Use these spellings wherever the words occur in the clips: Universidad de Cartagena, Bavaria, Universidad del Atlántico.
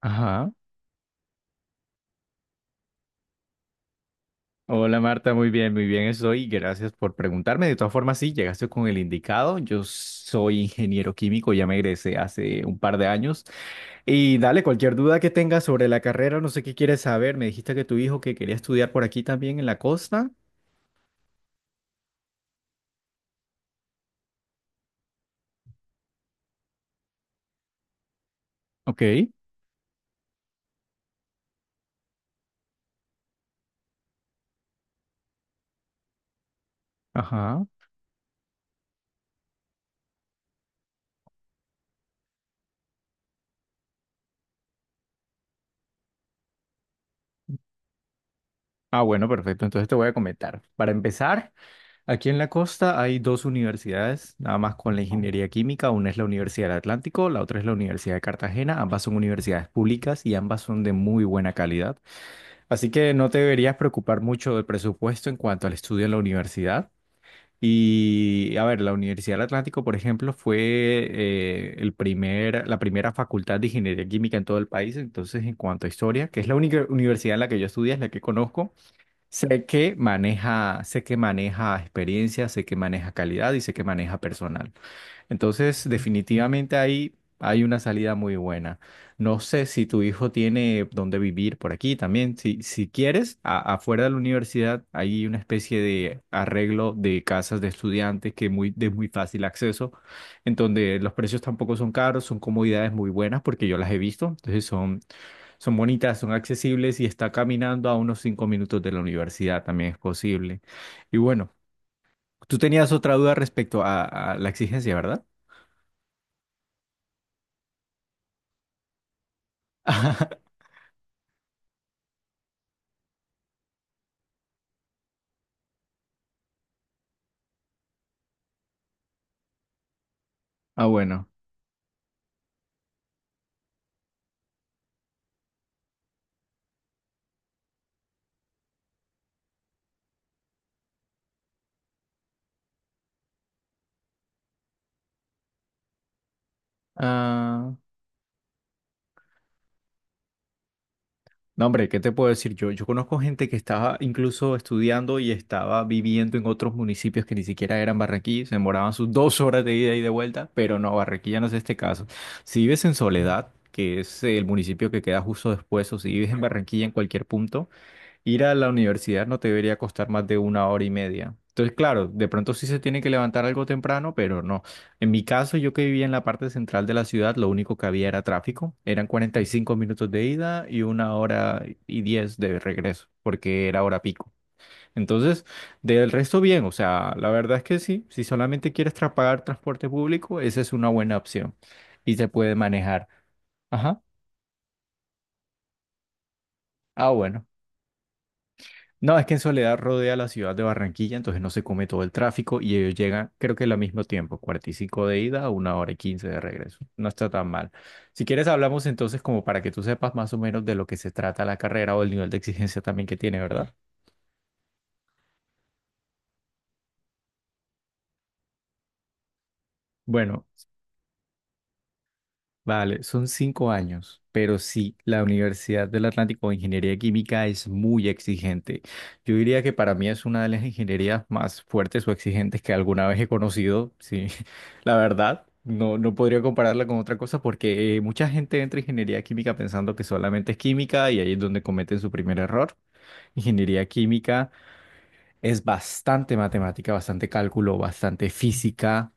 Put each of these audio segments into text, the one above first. Ajá. Hola Marta, muy bien estoy. Gracias por preguntarme. De todas formas, sí, llegaste con el indicado. Yo soy ingeniero químico, ya me egresé hace un par de años. Y dale, cualquier duda que tengas sobre la carrera, no sé qué quieres saber. Me dijiste que tu hijo que quería estudiar por aquí también en la costa. Ok. Ajá. Ah, bueno, perfecto. Entonces te voy a comentar. Para empezar. Aquí en la costa hay dos universidades, nada más con la ingeniería química. Una es la Universidad del Atlántico, la otra es la Universidad de Cartagena. Ambas son universidades públicas y ambas son de muy buena calidad. Así que no te deberías preocupar mucho del presupuesto en cuanto al estudio en la universidad. Y a ver, la Universidad del Atlántico, por ejemplo, fue el primer, la primera facultad de ingeniería química en todo el país. Entonces, en cuanto a historia, que es la única universidad en la que yo estudié, es la que conozco. Sé que maneja experiencia, sé que maneja calidad y sé que maneja personal. Entonces, definitivamente ahí hay una salida muy buena. No sé si tu hijo tiene dónde vivir por aquí también. Si, si quieres, afuera de la universidad hay una especie de arreglo de casas de estudiantes que muy, de muy fácil acceso, en donde los precios tampoco son caros, son comodidades muy buenas porque yo las he visto. Entonces son bonitas, son accesibles y está caminando a unos 5 minutos de la universidad, también es posible. Y bueno, tú tenías otra duda respecto a la exigencia, ¿verdad? Ah, bueno. Ah, no, hombre, ¿qué te puedo decir yo? Yo conozco gente que estaba incluso estudiando y estaba viviendo en otros municipios que ni siquiera eran Barranquilla, se demoraban sus 2 horas de ida y de vuelta, pero no, Barranquilla no es este caso. Si vives en Soledad, que es el municipio que queda justo después, o si vives en Barranquilla en cualquier punto, ir a la universidad no te debería costar más de una hora y media. Entonces, claro, de pronto sí se tiene que levantar algo temprano, pero no. En mi caso, yo que vivía en la parte central de la ciudad, lo único que había era tráfico. Eran 45 minutos de ida y una hora y 10 de regreso, porque era hora pico. Entonces, del resto bien, o sea, la verdad es que sí, si solamente quieres pagar transporte público, esa es una buena opción y se puede manejar. Ajá. Ah, bueno. No, es que en Soledad rodea la ciudad de Barranquilla, entonces no se come todo el tráfico y ellos llegan, creo que al mismo tiempo, 45 de ida, una hora y 15 de regreso. No está tan mal. Si quieres, hablamos entonces como para que tú sepas más o menos de lo que se trata la carrera o el nivel de exigencia también que tiene, ¿verdad? Bueno, vale, son 5 años, pero sí, la Universidad del Atlántico de Ingeniería Química es muy exigente. Yo diría que para mí es una de las ingenierías más fuertes o exigentes que alguna vez he conocido, sí, la verdad. No, no podría compararla con otra cosa porque mucha gente entra a ingeniería química pensando que solamente es química y ahí es donde cometen su primer error. Ingeniería química es bastante matemática, bastante cálculo, bastante física.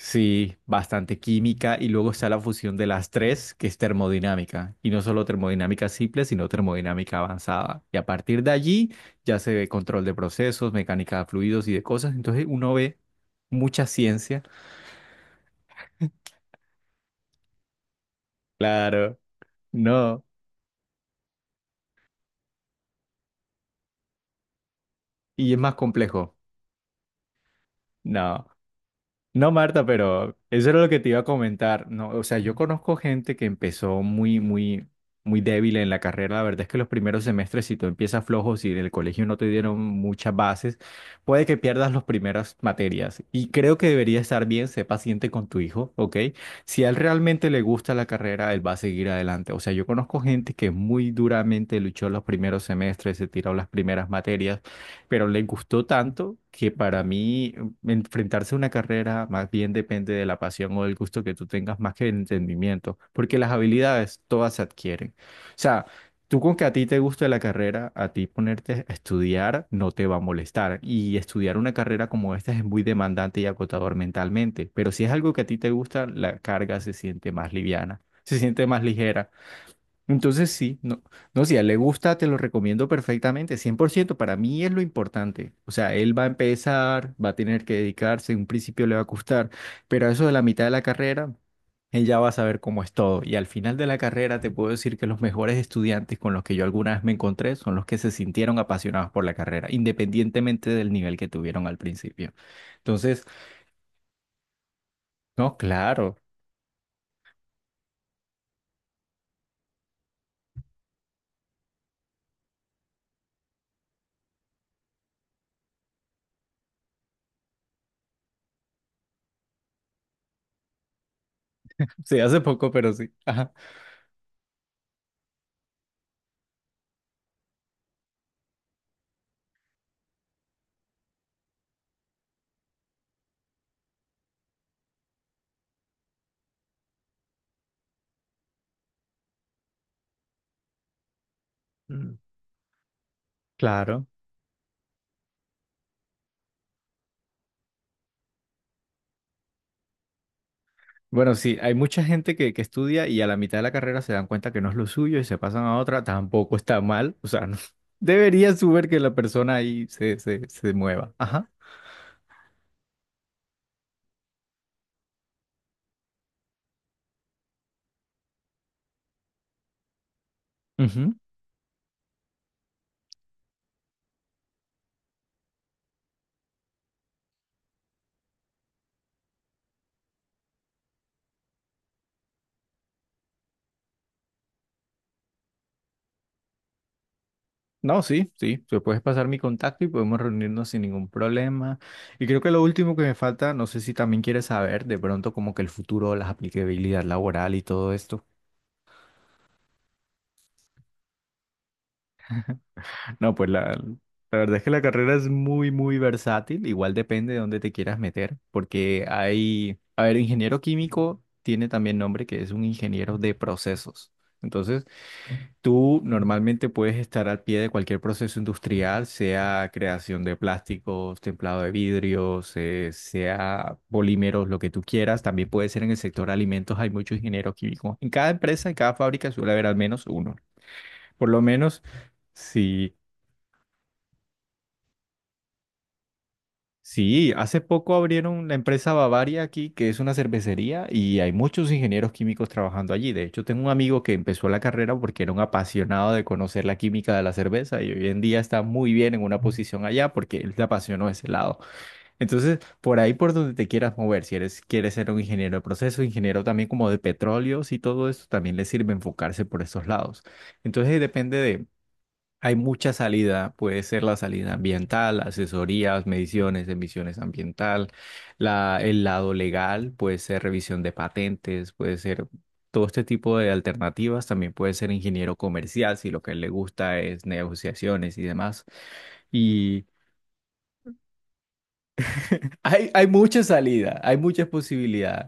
Sí, bastante química y luego está la fusión de las tres, que es termodinámica. Y no solo termodinámica simple, sino termodinámica avanzada. Y a partir de allí ya se ve control de procesos, mecánica de fluidos y de cosas. Entonces uno ve mucha ciencia. Claro, no. Y es más complejo. No. No, Marta, pero eso era lo que te iba a comentar. No, o sea, yo conozco gente que empezó muy, muy, muy débil en la carrera. La verdad es que los primeros semestres, si tú empiezas flojos y en el colegio no te dieron muchas bases, puede que pierdas las primeras materias. Y creo que debería estar bien, sé paciente con tu hijo, ¿ok? Si a él realmente le gusta la carrera, él va a seguir adelante. O sea, yo conozco gente que muy duramente luchó los primeros semestres, se tiró las primeras materias pero le gustó tanto que para mí enfrentarse a una carrera más bien depende de la pasión o del gusto que tú tengas más que del entendimiento, porque las habilidades todas se adquieren. O sea, tú con que a ti te guste la carrera, a ti ponerte a estudiar no te va a molestar y estudiar una carrera como esta es muy demandante y agotador mentalmente, pero si es algo que a ti te gusta, la carga se siente más liviana, se siente más ligera. Entonces sí, no, no, si a él le gusta, te lo recomiendo perfectamente, 100% para mí es lo importante. O sea, él va a empezar, va a tener que dedicarse, en un principio le va a costar, pero a eso de la mitad de la carrera, él ya va a saber cómo es todo. Y al final de la carrera te puedo decir que los mejores estudiantes con los que yo alguna vez me encontré son los que se sintieron apasionados por la carrera, independientemente del nivel que tuvieron al principio. Entonces, no, claro, sí, hace poco, pero sí. Ajá. Mm. Claro. Bueno, sí, hay mucha gente que estudia y a la mitad de la carrera se dan cuenta que no es lo suyo y se pasan a otra, tampoco está mal, o sea, no, debería suber que la persona ahí se mueva. Ajá. Ujú. No, sí, sí, te puedes pasar mi contacto y podemos reunirnos sin ningún problema. Y creo que lo último que me falta, no sé si también quieres saber de pronto como que el futuro, las aplicabilidad laboral y todo esto. No, pues la verdad es que la carrera es muy, muy versátil. Igual depende de dónde te quieras meter, porque hay, a ver, ingeniero químico tiene también nombre que es un ingeniero de procesos. Entonces, tú normalmente puedes estar al pie de cualquier proceso industrial, sea creación de plásticos, templado de vidrios, sea polímeros, lo que tú quieras. También puede ser en el sector alimentos, hay muchos ingenieros químicos. En cada empresa, en cada fábrica suele haber al menos uno. Por lo menos, si sí, hace poco abrieron la empresa Bavaria aquí, que es una cervecería, y hay muchos ingenieros químicos trabajando allí. De hecho, tengo un amigo que empezó la carrera porque era un apasionado de conocer la química de la cerveza y hoy en día está muy bien en una posición allá porque él le apasionó ese lado. Entonces, por ahí por donde te quieras mover, si eres, quieres ser un ingeniero de proceso, ingeniero también como de petróleos y todo eso, también le sirve enfocarse por esos lados. Entonces, depende hay mucha salida, puede ser la salida ambiental, asesorías, mediciones, emisiones ambiental, la, el lado legal, puede ser revisión de patentes, puede ser todo este tipo de alternativas, también puede ser ingeniero comercial si lo que le gusta es negociaciones y demás. Y hay mucha salida, hay muchas posibilidades.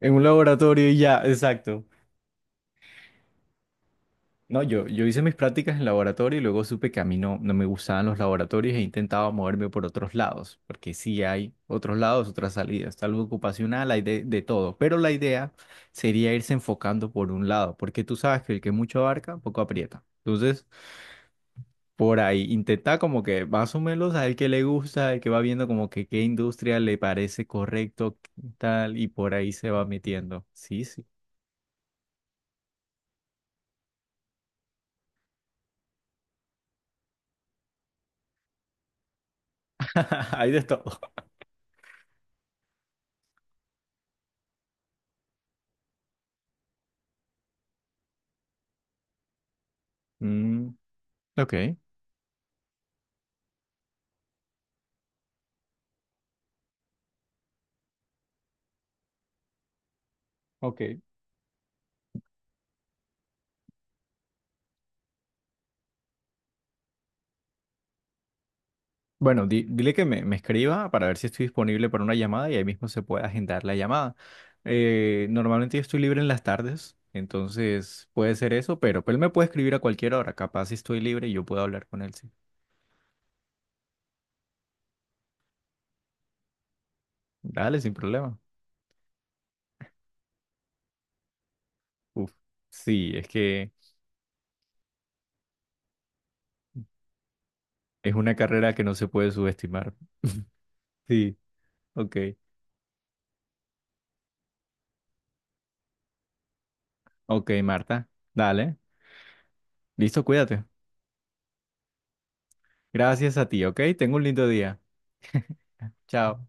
En un laboratorio y ya, exacto. No, yo hice mis prácticas en laboratorio y luego supe que a mí no, no me gustaban los laboratorios e intentaba moverme por otros lados, porque sí hay otros lados, otras salidas, tal vez ocupacional, hay de todo, pero la idea sería irse enfocando por un lado, porque tú sabes que el que mucho abarca, poco aprieta. Entonces, por ahí intenta como que más o menos al que le gusta, al que va viendo como que qué industria le parece correcto, qué tal, y por ahí se va metiendo. Sí, sí. Hay de todo. Mm, ok. Ok. Bueno, dile que me escriba para ver si estoy disponible para una llamada y ahí mismo se puede agendar la llamada. Normalmente yo estoy libre en las tardes, entonces puede ser eso, pero pues, él me puede escribir a cualquier hora. Capaz si estoy libre y yo puedo hablar con él, sí. Dale, sin problema. Uf, sí, es que es una carrera que no se puede subestimar. Sí, ok. Ok, Marta, dale. Listo, cuídate. Gracias a ti, ok. Tengo un lindo día. Chao.